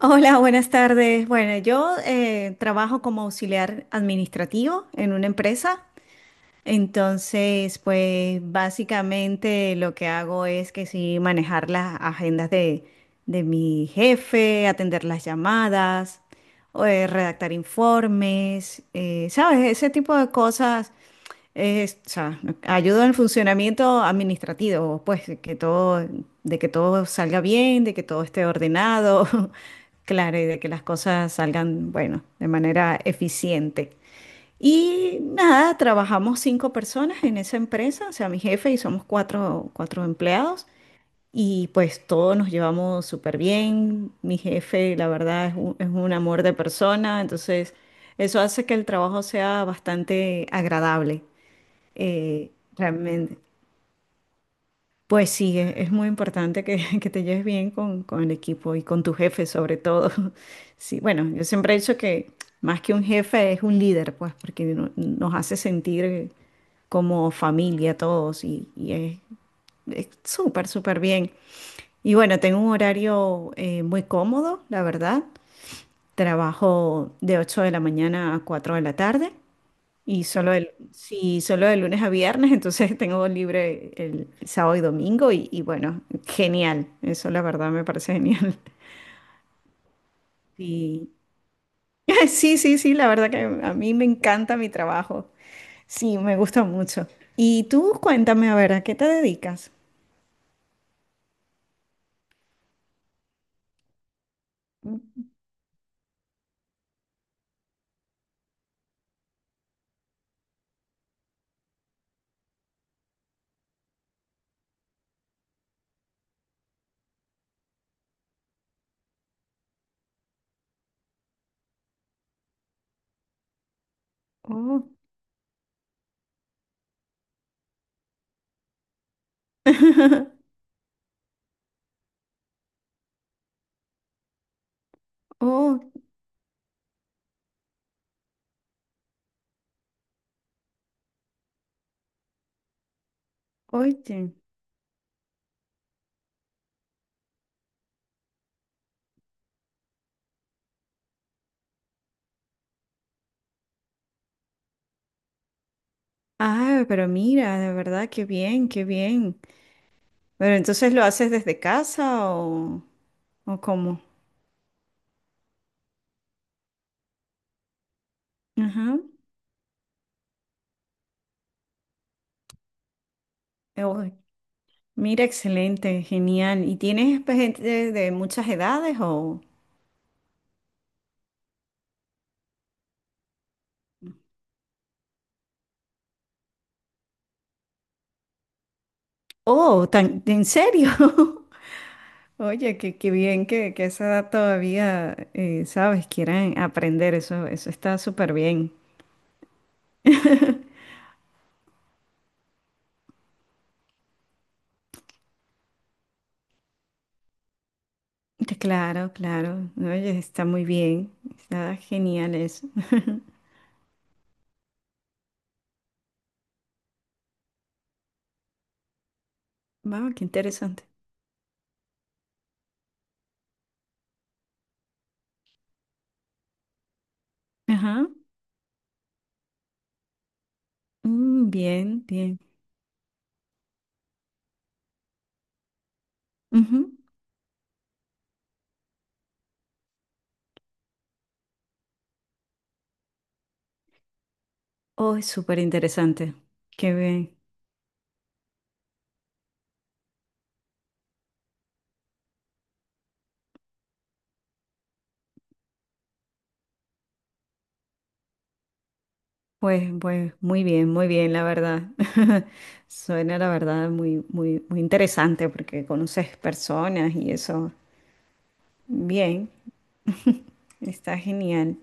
Hola, buenas tardes. Bueno, yo trabajo como auxiliar administrativo en una empresa. Entonces, pues básicamente lo que hago es que sí manejar las agendas de mi jefe, atender las llamadas, o, redactar informes, ¿sabes? Ese tipo de cosas es, o sea, ayuda en el funcionamiento administrativo, pues, de que todo salga bien, de que todo esté ordenado, claro, y de que las cosas salgan, bueno, de manera eficiente. Y nada, trabajamos cinco personas en esa empresa, o sea, mi jefe y somos cuatro empleados, y pues todos nos llevamos súper bien. Mi jefe, la verdad, es un amor de persona, entonces eso hace que el trabajo sea bastante agradable realmente. Pues sí, es muy importante que, que te lleves bien con el equipo y con tu jefe sobre todo. Sí, bueno, yo siempre he dicho que más que un jefe es un líder, pues, porque nos hace sentir como familia todos y, y es súper, súper bien. Y bueno, tengo un horario muy cómodo, la verdad. Trabajo de 8 de la mañana a 4 de la tarde. Y solo el, sí, solo de lunes a viernes, entonces tengo libre el sábado y domingo y bueno, genial. Eso la verdad me parece genial. Sí. Sí, sí, sí, la verdad que a mí me encanta mi trabajo. Sí, me gusta mucho. Y tú cuéntame, a ver, ¿a qué te dedicas? Mm. Oh. Oh, oye. Ah, pero mira, de verdad, qué bien, qué bien. Pero entonces lo haces desde casa o, ¿o cómo? Ajá. Mira, excelente, genial. ¿Y tienes pues, gente de muchas edades o...? Oh, tan, ¿en serio? Oye, qué, qué bien que a esa edad todavía, sabes, quieran aprender, eso está súper bien. Claro, claro. Oye, está muy bien. Está genial eso. Wow, qué interesante. Ajá. Mm, bien, bien. Ujú. Oh, es súper interesante. Qué bien. Pues, pues muy bien, la verdad. Suena la verdad muy, muy, muy interesante porque conoces personas y eso. Bien, está genial.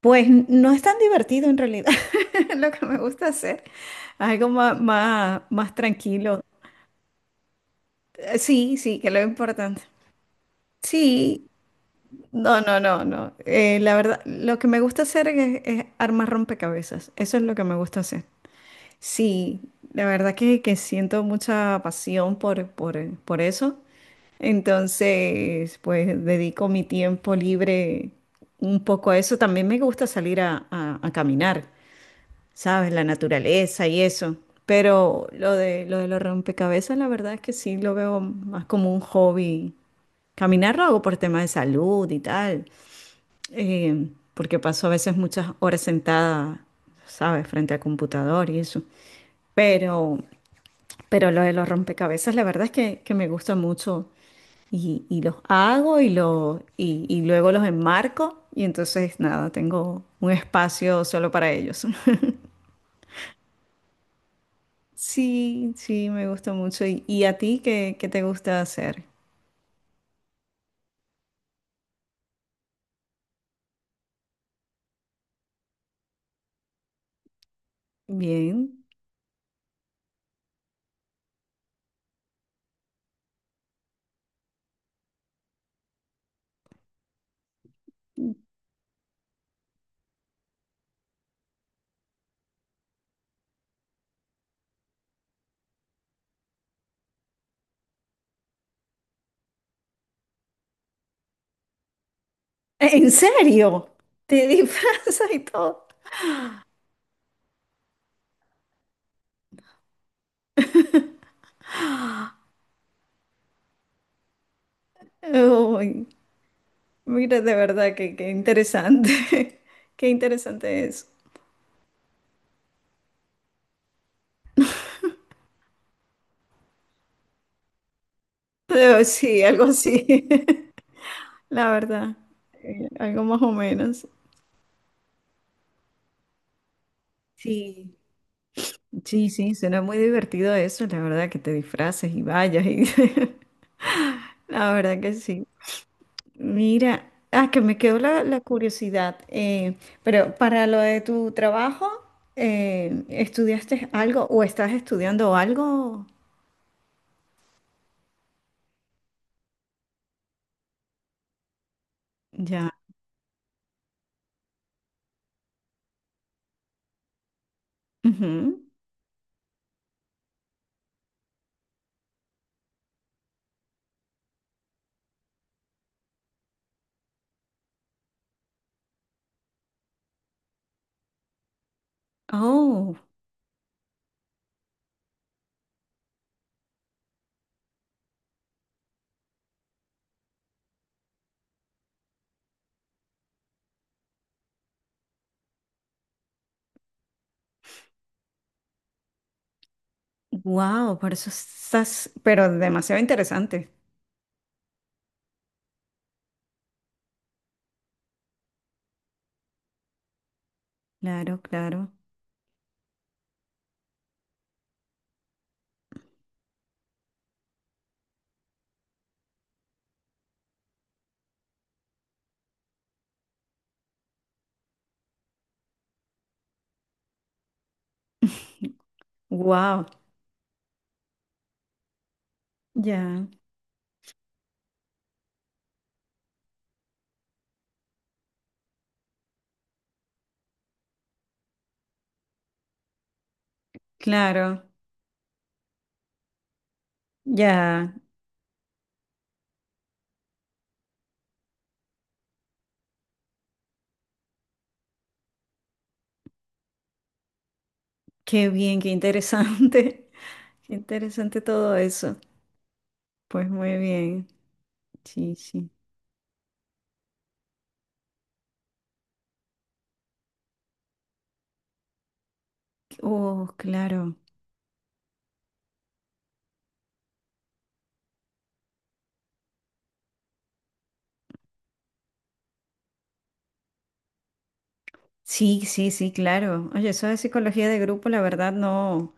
Pues no es tan divertido en realidad lo que me gusta hacer. Algo más, más, más tranquilo. Sí, sí, que es lo importante. Sí, no, no, no, no. La verdad, lo que me gusta hacer es armar rompecabezas. Eso es lo que me gusta hacer. Sí, la verdad que siento mucha pasión por eso. Entonces, pues dedico mi tiempo libre un poco a eso. También me gusta salir a caminar, ¿sabes? La naturaleza y eso. Pero lo de los rompecabezas, la verdad es que sí lo veo más como un hobby. Caminar lo hago por temas de salud y tal, eh, porque paso a veces muchas horas sentada, ¿sabes? Frente al computador y eso. Pero lo de los rompecabezas, la verdad es que me gusta mucho. Y los hago y luego los enmarco. Y entonces, nada, tengo un espacio solo para ellos. Sí, sí, me gusta mucho. Y a ti qué, qué te gusta hacer? Bien. ¿En serio? ¿Te disfrazas y todo? Uy, mira, de verdad, que qué interesante. Qué interesante es. Sí, algo así. La verdad. Algo más o menos. Sí, sí, sí, suena muy divertido eso, la verdad, que te disfraces y vayas y La verdad que sí. Mira, ah, que me quedó la curiosidad. Pero para lo de tu trabajo, ¿estudiaste algo o estás estudiando algo? Ya. Ujú. Oh, wow, por eso estás, pero demasiado interesante. Claro, claro. Wow, ya, claro. Ya, qué bien, qué interesante. Qué interesante todo eso. Pues muy bien. Sí, sí. Oh, claro. Sí, sí, sí, claro. Oye, eso de psicología de grupo, la verdad, no,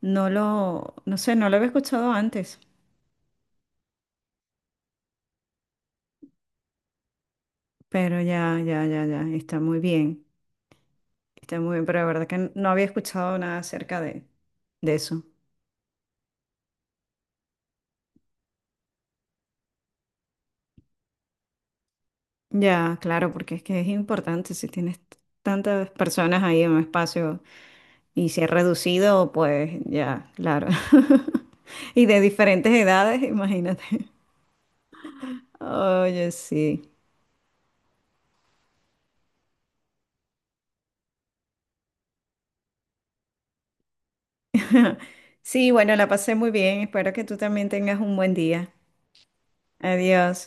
no lo, no sé, no lo había escuchado antes. Pero ya, ya, ya, ya. Está muy bien. Está muy bien, pero la verdad que no había escuchado nada de eso. Ya, claro, porque es que es importante si tienes tantas personas ahí en un espacio. Y si es reducido, pues ya, claro. Y de diferentes edades, imagínate. Oye, sí. Sí, bueno, la pasé muy bien. Espero que tú también tengas un buen día. Adiós.